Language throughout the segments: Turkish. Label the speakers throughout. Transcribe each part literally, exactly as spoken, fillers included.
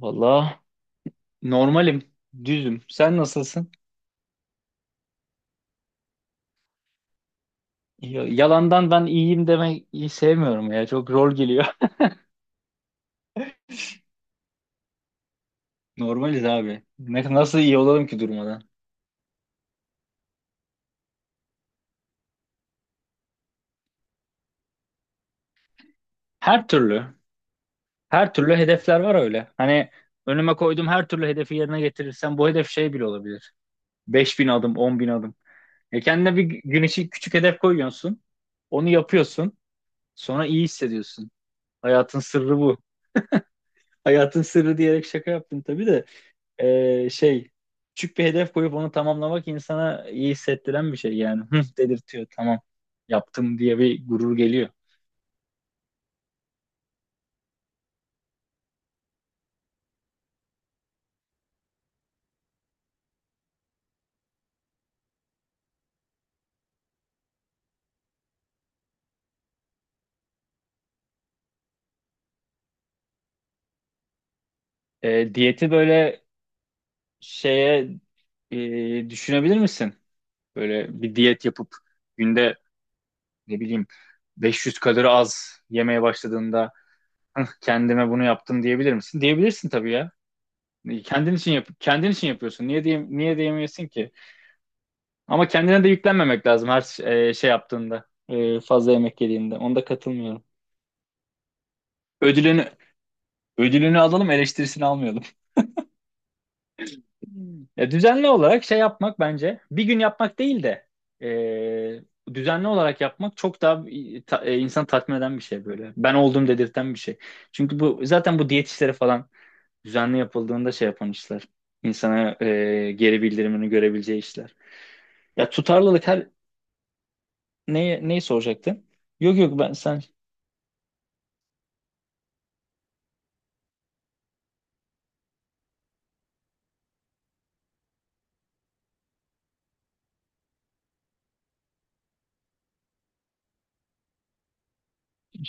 Speaker 1: Valla normalim, düzüm. Sen nasılsın? Ya- Yalandan ben iyiyim demek iyi sevmiyorum ya. Çok rol geliyor. Normaliz abi. Ne, nasıl iyi olalım ki durmadan? Her türlü. Her türlü hedefler var öyle. Hani önüme koyduğum her türlü hedefi yerine getirirsem bu hedef şey bile olabilir. Beş bin adım, on bin adım. Ya kendine bir gün için küçük hedef koyuyorsun. Onu yapıyorsun. Sonra iyi hissediyorsun. Hayatın sırrı bu. Hayatın sırrı diyerek şaka yaptım tabii de. E, şey, küçük bir hedef koyup onu tamamlamak insana iyi hissettiren bir şey yani. Hı, dedirtiyor, tamam yaptım diye bir gurur geliyor. E, diyeti böyle şeye, e, düşünebilir misin? Böyle bir diyet yapıp günde ne bileyim beş yüz kalori az yemeye başladığında, "Hıh, kendime bunu yaptım diyebilir misin?" Diyebilirsin tabii ya. Kendin için yap, kendin için yapıyorsun. Niye diye niye diyemeyesin ki? Ama kendine de yüklenmemek lazım her ş- e, şey yaptığında. E, fazla yemek yediğinde. Onda katılmıyorum. Ödülünü ödülünü alalım, eleştirisini almayalım. Ya, düzenli olarak şey yapmak bence bir gün yapmak değil de e, düzenli olarak yapmak çok daha e, ta- e, insanı tatmin eden bir şey böyle. Ben olduğum dedirten bir şey. Çünkü bu zaten bu diyet işleri falan düzenli yapıldığında şey yapan işler. İnsana e, geri bildirimini görebileceği işler. Ya tutarlılık her neyi, neyi soracaktın? Yok yok ben sen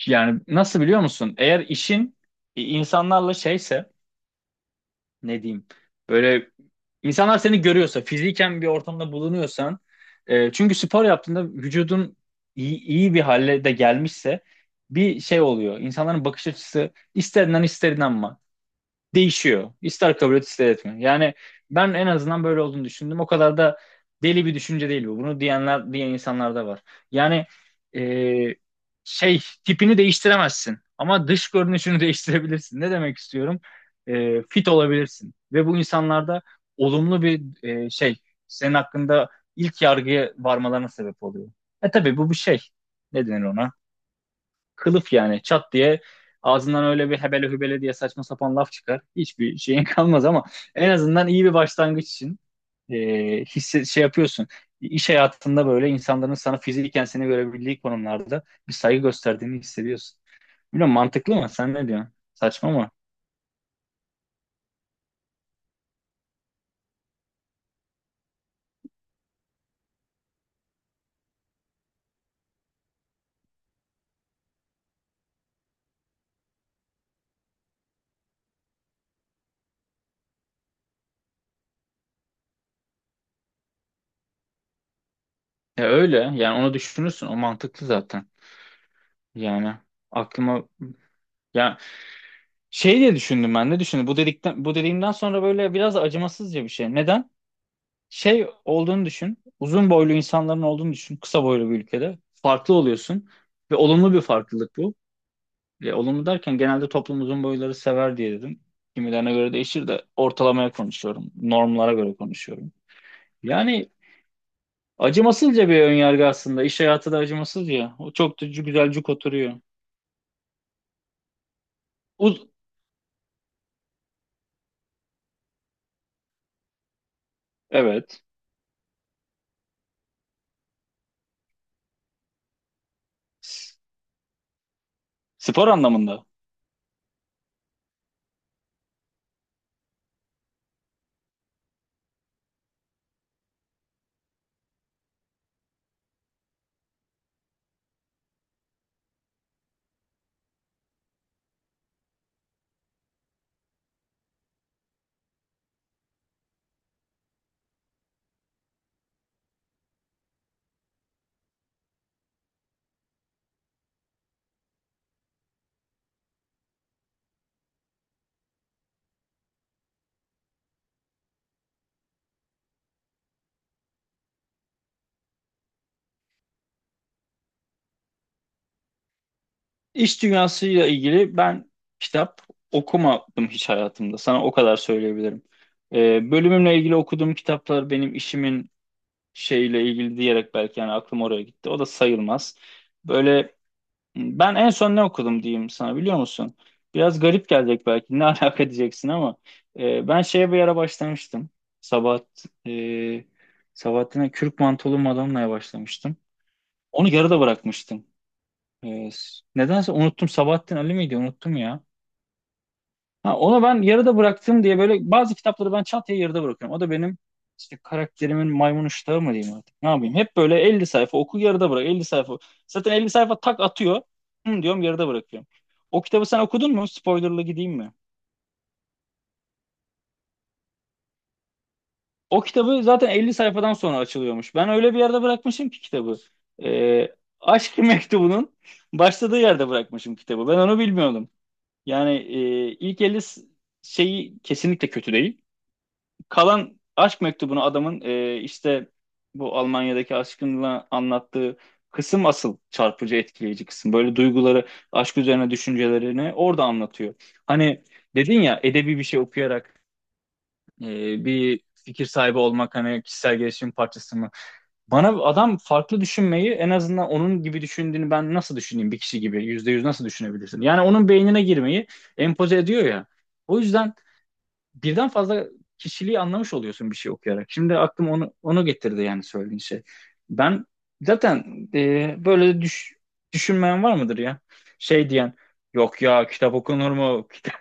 Speaker 1: Yani nasıl, biliyor musun? Eğer işin e, insanlarla şeyse ne diyeyim, böyle, insanlar seni görüyorsa, fiziken bir ortamda bulunuyorsan, e, çünkü spor yaptığında vücudun iyi, iyi bir hale de gelmişse bir şey oluyor. İnsanların bakış açısı, ister inan ister inanma, değişiyor. İster kabul et ister etme. Yani ben en azından böyle olduğunu düşündüm. O kadar da deli bir düşünce değil bu. Bunu diyenler diyen insanlar da var. Yani, e, şey tipini değiştiremezsin ama dış görünüşünü değiştirebilirsin. Ne demek istiyorum? E, fit olabilirsin ve bu insanlarda olumlu bir e, şey, senin hakkında ilk yargıya varmalarına sebep oluyor. E tabii bu bir şey. Ne denir ona? Kılıf yani, çat diye ağzından öyle bir hebele hübele diye saçma sapan laf çıkar. Hiçbir şeyin kalmaz ama en azından iyi bir başlangıç için, e, hisse, şey yapıyorsun. İş hayatında böyle, insanların sana fiziken seni görebildiği konumlarda bir saygı gösterdiğini hissediyorsun. Bilmiyorum, mantıklı mı? Sen ne diyorsun? Saçma mı? Ya öyle. Yani onu düşünürsün. O mantıklı zaten. Yani aklıma, ya şey diye düşündüm, ben de düşündüm. Bu dedikten bu dediğimden sonra böyle biraz acımasızca bir şey. Neden? Şey olduğunu düşün. Uzun boylu insanların olduğunu düşün. Kısa boylu bir ülkede. Farklı oluyorsun. Ve olumlu bir farklılık bu. E, olumlu derken genelde toplum uzun boyları sever diye dedim. Kimilerine göre değişir de ortalamaya konuşuyorum. Normlara göre konuşuyorum. Yani acımasızca bir önyargı aslında. İş hayatı da acımasız ya. O çok da güzelcük oturuyor. Uz evet. S- Spor anlamında. İş dünyasıyla ilgili ben kitap okumadım hiç hayatımda. Sana o kadar söyleyebilirim. Ee, bölümümle ilgili okuduğum kitaplar benim işimin şeyle ilgili diyerek, belki, yani aklım oraya gitti. O da sayılmaz. Böyle, ben en son ne okudum diyeyim sana, biliyor musun? Biraz garip gelecek belki, ne alaka diyeceksin, ama e, ben şeye bir ara başlamıştım. Sabahat, e, Sabahattin'e, Kürk Mantolu Madonna'ya başlamıştım. Onu yarıda bırakmıştım. Ee, s- nedense unuttum. Sabahattin Ali miydi? Unuttum ya. Ha, onu ben yarıda bıraktım diye böyle bazı kitapları ben çantaya yarıda bırakıyorum. O da benim işte karakterimin maymun iştahı mı diyeyim artık. Ne yapayım? Hep böyle elli sayfa oku, yarıda bırak. Elli sayfa. Zaten elli sayfa tak atıyor. Hı, diyorum, yarıda bırakıyorum. O kitabı sen okudun mu? Spoilerlı gideyim mi? O kitabı zaten elli sayfadan sonra açılıyormuş. Ben öyle bir yerde bırakmışım ki kitabı. Ee, Aşk Mektubu'nun başladığı yerde bırakmışım kitabı. Ben onu bilmiyordum. Yani, e, ilk elli s- şeyi kesinlikle kötü değil. Kalan aşk mektubunu adamın, e, işte bu Almanya'daki aşkınla anlattığı kısım asıl çarpıcı, etkileyici kısım. Böyle duyguları, aşk üzerine düşüncelerini orada anlatıyor. Hani dedin ya, edebi bir şey okuyarak, e, bir fikir sahibi olmak hani kişisel gelişim parçası mı? Bana adam farklı düşünmeyi, en azından onun gibi düşündüğünü ben nasıl düşüneyim, bir kişi gibi yüzde yüz nasıl düşünebilirsin? Yani onun beynine girmeyi empoze ediyor ya. O yüzden birden fazla kişiliği anlamış oluyorsun bir şey okuyarak. Şimdi aklım onu onu getirdi yani, söylediğin şey. Ben zaten e, böyle düş, düşünmeyen var mıdır ya? Şey diyen, yok ya, kitap okunur mu? Kitap,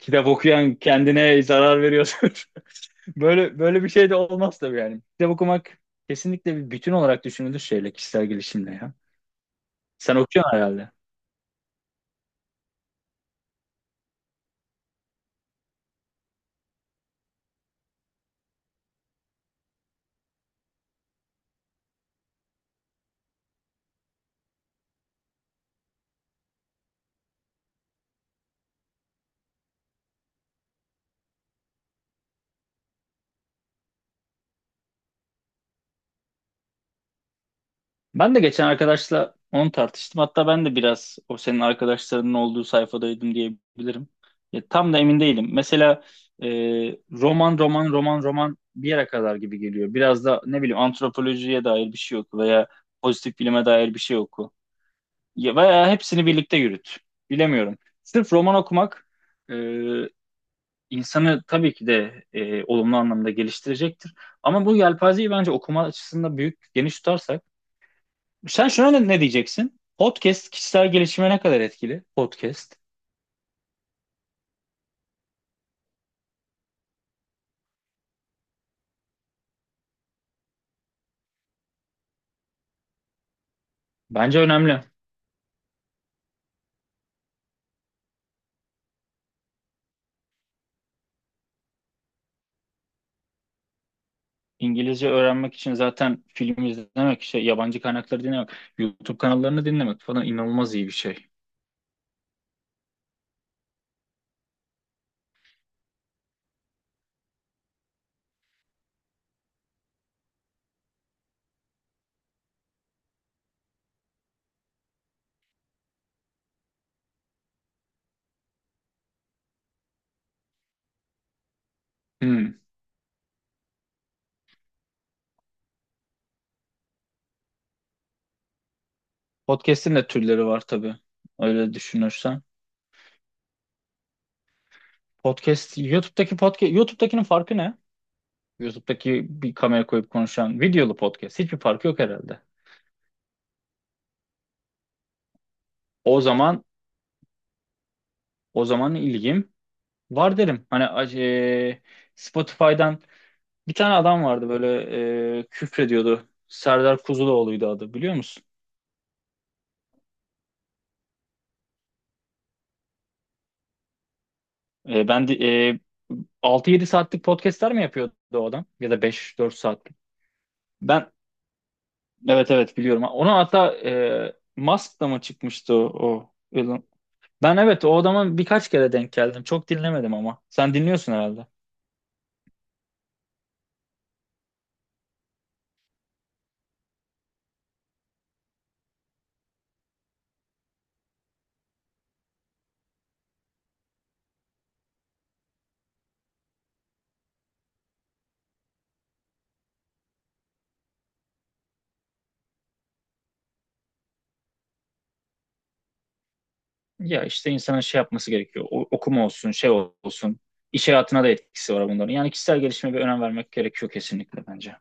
Speaker 1: kitap okuyan, kendine zarar veriyorsun. Böyle böyle bir şey de olmaz tabii yani. Kitap okumak kesinlikle bir bütün olarak düşünülür şeyle, kişisel gelişimle ya. Sen okuyorsun herhalde. Ben de geçen arkadaşla onu tartıştım. Hatta ben de biraz o senin arkadaşlarının olduğu sayfadaydım diyebilirim. Ya, tam da emin değilim. Mesela e, roman roman roman roman bir yere kadar gibi geliyor. Biraz da ne bileyim, antropolojiye dair bir şey oku veya pozitif bilime dair bir şey oku. Ya, veya hepsini birlikte yürüt. Bilemiyorum. Sırf roman okumak e, insanı tabii ki de e, olumlu anlamda geliştirecektir. Ama bu yelpazeyi bence okuma açısından büyük, geniş tutarsak. Sen şuna ne, ne diyeceksin? Podcast kişisel gelişime ne kadar etkili? Podcast. Bence önemli. İngilizce öğrenmek için zaten film izlemek, şey, yabancı kaynakları dinlemek, YouTube kanallarını dinlemek falan inanılmaz iyi bir şey. Hmm. Podcast'in de türleri var tabii. Öyle düşünürsen. Podcast, YouTube'daki podcast, YouTube'dakinin farkı ne? YouTube'daki bir kamera koyup konuşan videolu podcast. Hiçbir farkı yok herhalde. O zaman o zaman ilgim var derim. Hani, e, Spotify'dan bir tane adam vardı, böyle, e, küfrediyordu. Serdar Kuzuloğlu'ydu adı, biliyor musun? E, ben de, e, altı yedi saatlik podcastler mi yapıyordu o adam? Ya da beş dört saatlik. Ben, evet evet, biliyorum. Ona hatta, e, Musk'la mı çıkmıştı o? O Elon? Ben, evet, o adama birkaç kere denk geldim. Çok dinlemedim ama. Sen dinliyorsun herhalde. Ya işte insanın şey yapması gerekiyor. O- okuma olsun, şey olsun. İş hayatına da etkisi var bunların. Yani kişisel gelişime bir önem vermek gerekiyor kesinlikle bence.